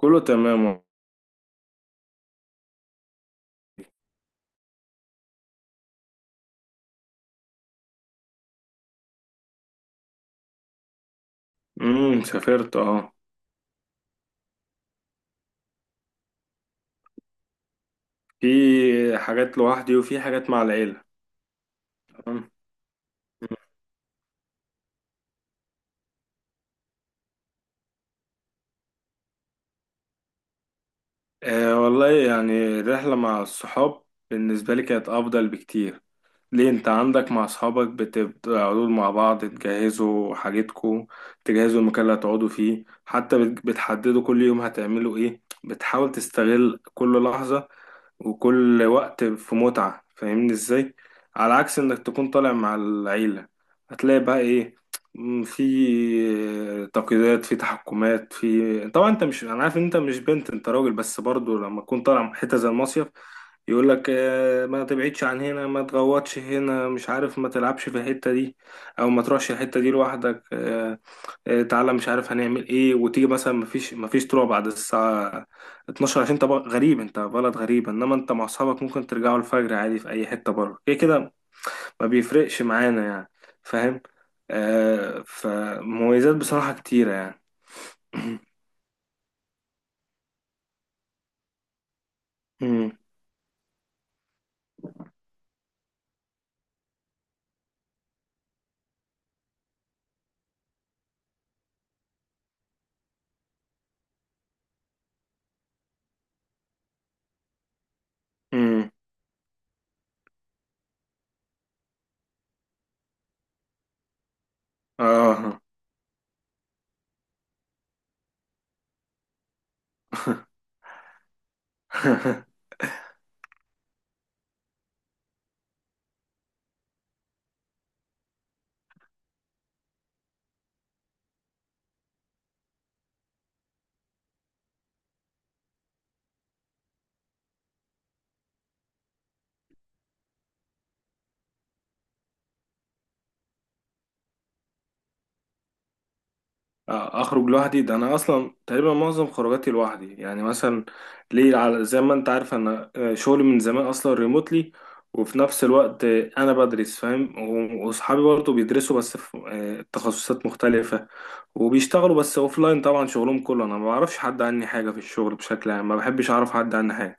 كله تمام. سافرت اه. في حاجات لوحدي وفي حاجات مع العيلة. تمام. آه والله يعني الرحلة مع الصحاب بالنسبة لي كانت أفضل بكتير. ليه، انت عندك مع اصحابك بتقعدوا مع بعض، تجهزوا حاجتكم، تجهزوا المكان اللي هتقعدوا فيه، حتى بتحددوا كل يوم هتعملوا ايه، بتحاول تستغل كل لحظة وكل وقت في متعة، فاهمني ازاي؟ على عكس انك تكون طالع مع العيلة، هتلاقي بقى ايه، في تقييدات، في تحكمات، في طبعا انت مش، انا عارف ان انت مش بنت، انت راجل، بس برضو لما تكون طالع حتة زي المصيف يقول لك آه، ما تبعدش عن هنا، ما تغوطش هنا، مش عارف، ما تلعبش في الحتة دي او ما تروحش الحتة دي لوحدك. آه، آه، تعالى، مش عارف هنعمل ايه، وتيجي مثلا ما فيش طلوع بعد الساعة 12 عشان انت غريب، انت بلد غريب. انما انت مع اصحابك ممكن ترجعوا الفجر عادي في اي حتة بره، كده كده ما بيفرقش معانا يعني، فاهم. آه، فمميزات بصراحة كتيرة يعني. مم. مم. اه. آه، اخرج لوحدي. ده انا اصلا تقريبا معظم خروجاتي لوحدي يعني. مثلا ليه؟ على زي ما انت عارف انا آه، شغلي من زمان اصلا ريموتلي، وفي نفس الوقت آه، انا بدرس فاهم، واصحابي برضه بيدرسوا، بس في آه، تخصصات مختلفة وبيشتغلوا، بس اوفلاين طبعا شغلهم كله. انا ما بعرفش حد عني حاجة في الشغل، بشكل عام ما بحبش اعرف حد عني حاجة.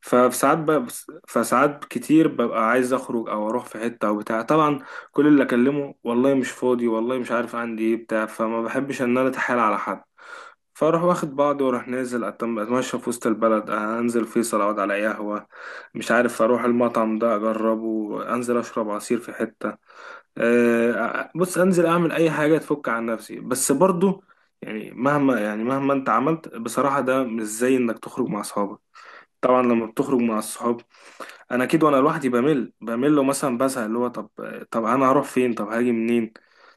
فساعات بقى، فساعات كتير ببقى عايز اخرج او اروح في حتة او بتاع. طبعا كل اللي اكلمه، والله مش فاضي، والله مش عارف عندي ايه، بتاع، فما بحبش ان انا اتحايل على حد. فاروح واخد بعضي واروح نازل اتمشى في وسط البلد، انزل فيصل اقعد على أي قهوه، مش عارف اروح المطعم ده اجربه، انزل اشرب عصير في حته. آه، بص، انزل اعمل اي حاجه تفك عن نفسي. بس برضو يعني، مهما انت عملت بصراحه، ده مش زي انك تخرج مع اصحابك. طبعا لما بتخرج مع الصحاب، انا اكيد وانا لوحدي بمل بمل، ومثلا بزهق، اللي هو طب انا هروح فين؟ طب هاجي منين؟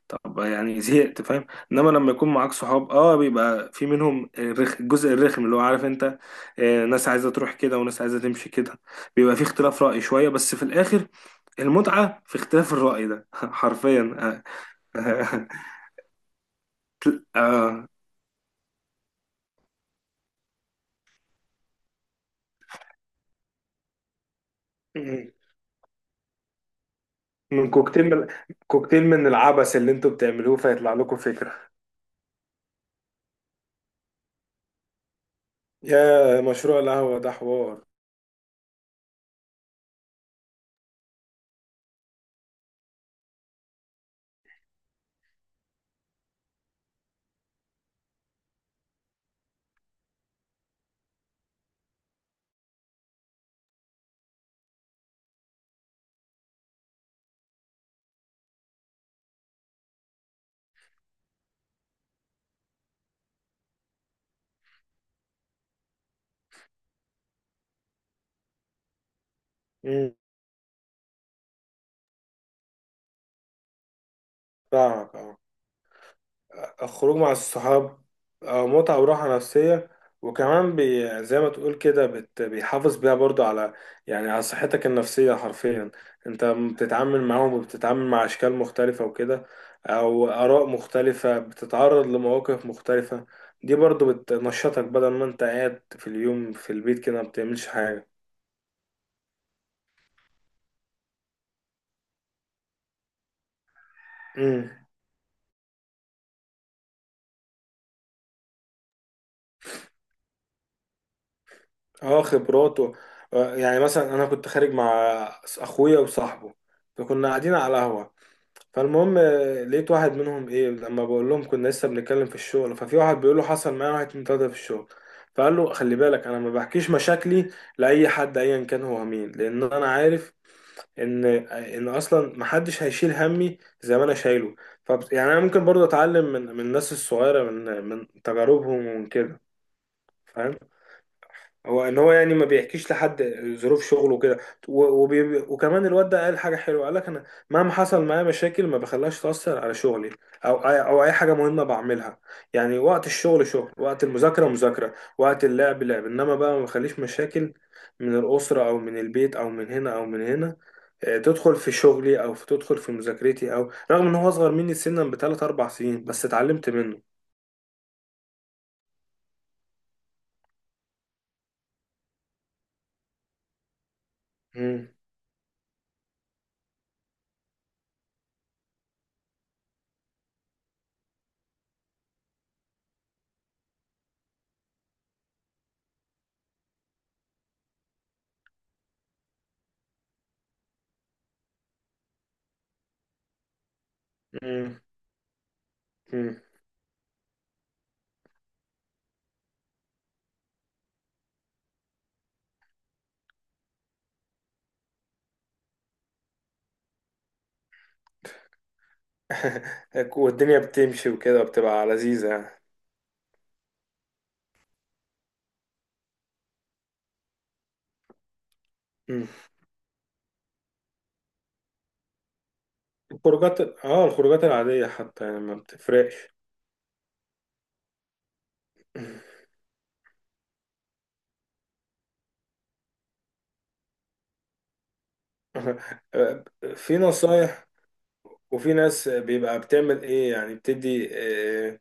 طب يعني زهقت، فاهم. انما لما يكون معاك صحاب، اه بيبقى في منهم الرخ... الجزء الرخم اللي هو، عارف انت، آه، ناس عايزه تروح كده وناس عايزه تمشي كده. بيبقى في اختلاف رأي شويه، بس في الاخر المتعه في اختلاف الرأي ده حرفيا. آه. آه. من كوكتيل من العبث اللي انتوا بتعملوه فيطلع لكم فكرة. يا مشروع القهوة ده حوار. مم. فاهمك اه. الخروج مع الصحاب آه، متعة وراحة نفسية، وكمان بي زي ما تقول كده، بت بيحافظ بيها برضو على، يعني على صحتك النفسية حرفيا. انت بتتعامل معاهم، وبتتعامل مع أشكال مختلفة وكده، أو آراء مختلفة، بتتعرض لمواقف مختلفة، دي برضو بتنشطك بدل ما انت قاعد في اليوم في البيت كده ما بتعملش حاجة. امم، اه، خبرات آه، يعني مثلا انا كنت خارج مع اخويا وصاحبه، فكنا قاعدين على قهوة. فالمهم آه، لقيت واحد منهم ايه، لما بقول لهم كنا لسه بنتكلم في الشغل، ففي واحد بيقول له حصل معايا واحد اتنين تلاته في الشغل. فقال له خلي بالك، انا ما بحكيش مشاكلي لاي حد ايا كان هو مين، لان انا عارف ان آه، ان اصلا ما حدش هيشيل همي زي ما انا شايله. ف يعني انا ممكن برضه اتعلم من الناس الصغيره، من تجاربهم ومن كده، فاهم. هو يعني ما بيحكيش لحد ظروف شغله وكده، وبي... وكمان الواد ده قال حاجه حلوه، قال لك انا مهما حصل معايا مشاكل ما بخليهاش تاثر على شغلي او أي... او اي حاجه مهمه بعملها. يعني وقت الشغل شغل، وقت المذاكره مذاكره، وقت اللعب لعب، انما بقى ما بخليش مشاكل من الاسره او من البيت او من هنا او من هنا آه، تدخل في شغلي او في تدخل في مذاكرتي. او رغم ان هو اصغر مني سنا بثلاث اربع سنين، بس اتعلمت منه. مم. مم. والدنيا بتمشي وكده بتبقى لذيذة يعني. مم. الخروجات، اه الخروجات العادية حتى يعني ما بتفرقش. في نصايح، وفي ناس بيبقى بتعمل ايه يعني، بتدي آه،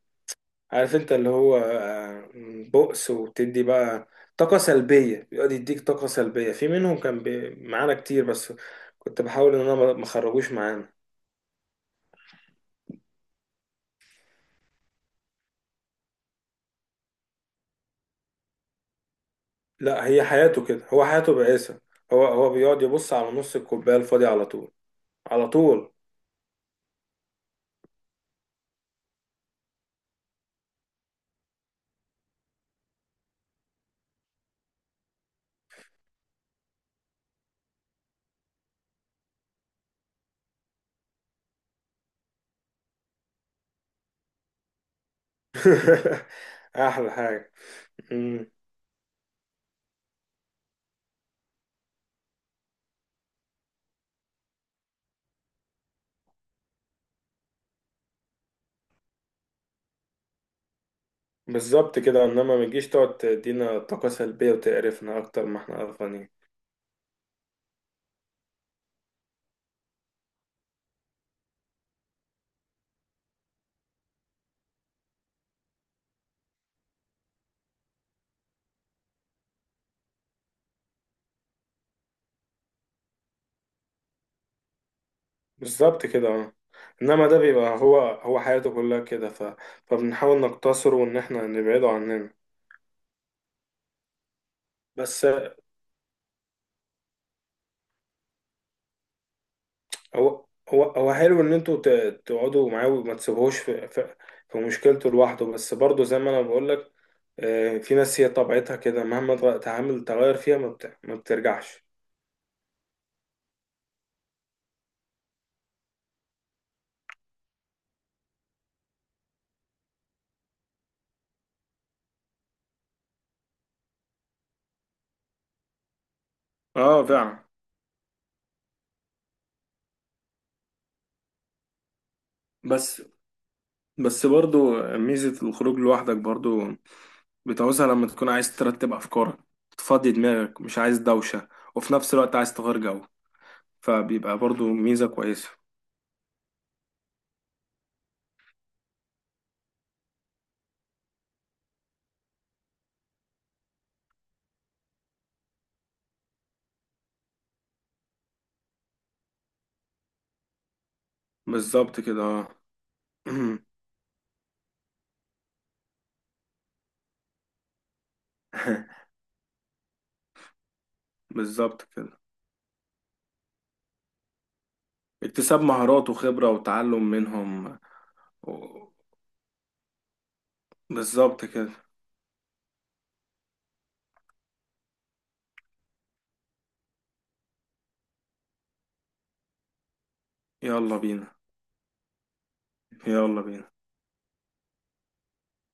عارف انت، اللي هو آه، بؤس، وبتدي بقى طاقة سلبية، بيقعد يديك طاقة سلبية. في منهم كان معانا كتير، بس كنت بحاول ان انا ما اخرجوش معانا. لا، هي حياته كده، هو حياته بائسة. هو بيقعد يبص على نص الكوباية الفاضية على طول، على طول. احلى حاجه. مم. بالظبط كده، انما ما تجيش تقعد تدينا طاقه سلبيه وتقرفنا اكتر ما احنا قرفانين. بالظبط كده اه. انما ده بيبقى هو حياته كلها كده ف... فبنحاول نقتصره وان احنا نبعده عننا. بس هو حلو ان انتوا ت... تقعدوا معاه وما تسيبوهوش في... في... في مشكلته لوحده. بس برضه زي ما انا بقول لك، آه، في ناس هي طبيعتها كده مهما تعامل تغير فيها ما، بت... ما بترجعش. اه فعلا. بس بس برضو ميزة الخروج لوحدك برضو بتعوزها لما تكون عايز ترتب أفكارك، تفضي دماغك، مش عايز دوشة، وفي نفس الوقت عايز تغير جو، فبيبقى برضو ميزة كويسة. بالظبط كده اه. بالظبط كده. اكتساب مهارات وخبرة وتعلم منهم و... بالظبط كده. يلا بينا. يلا بينا.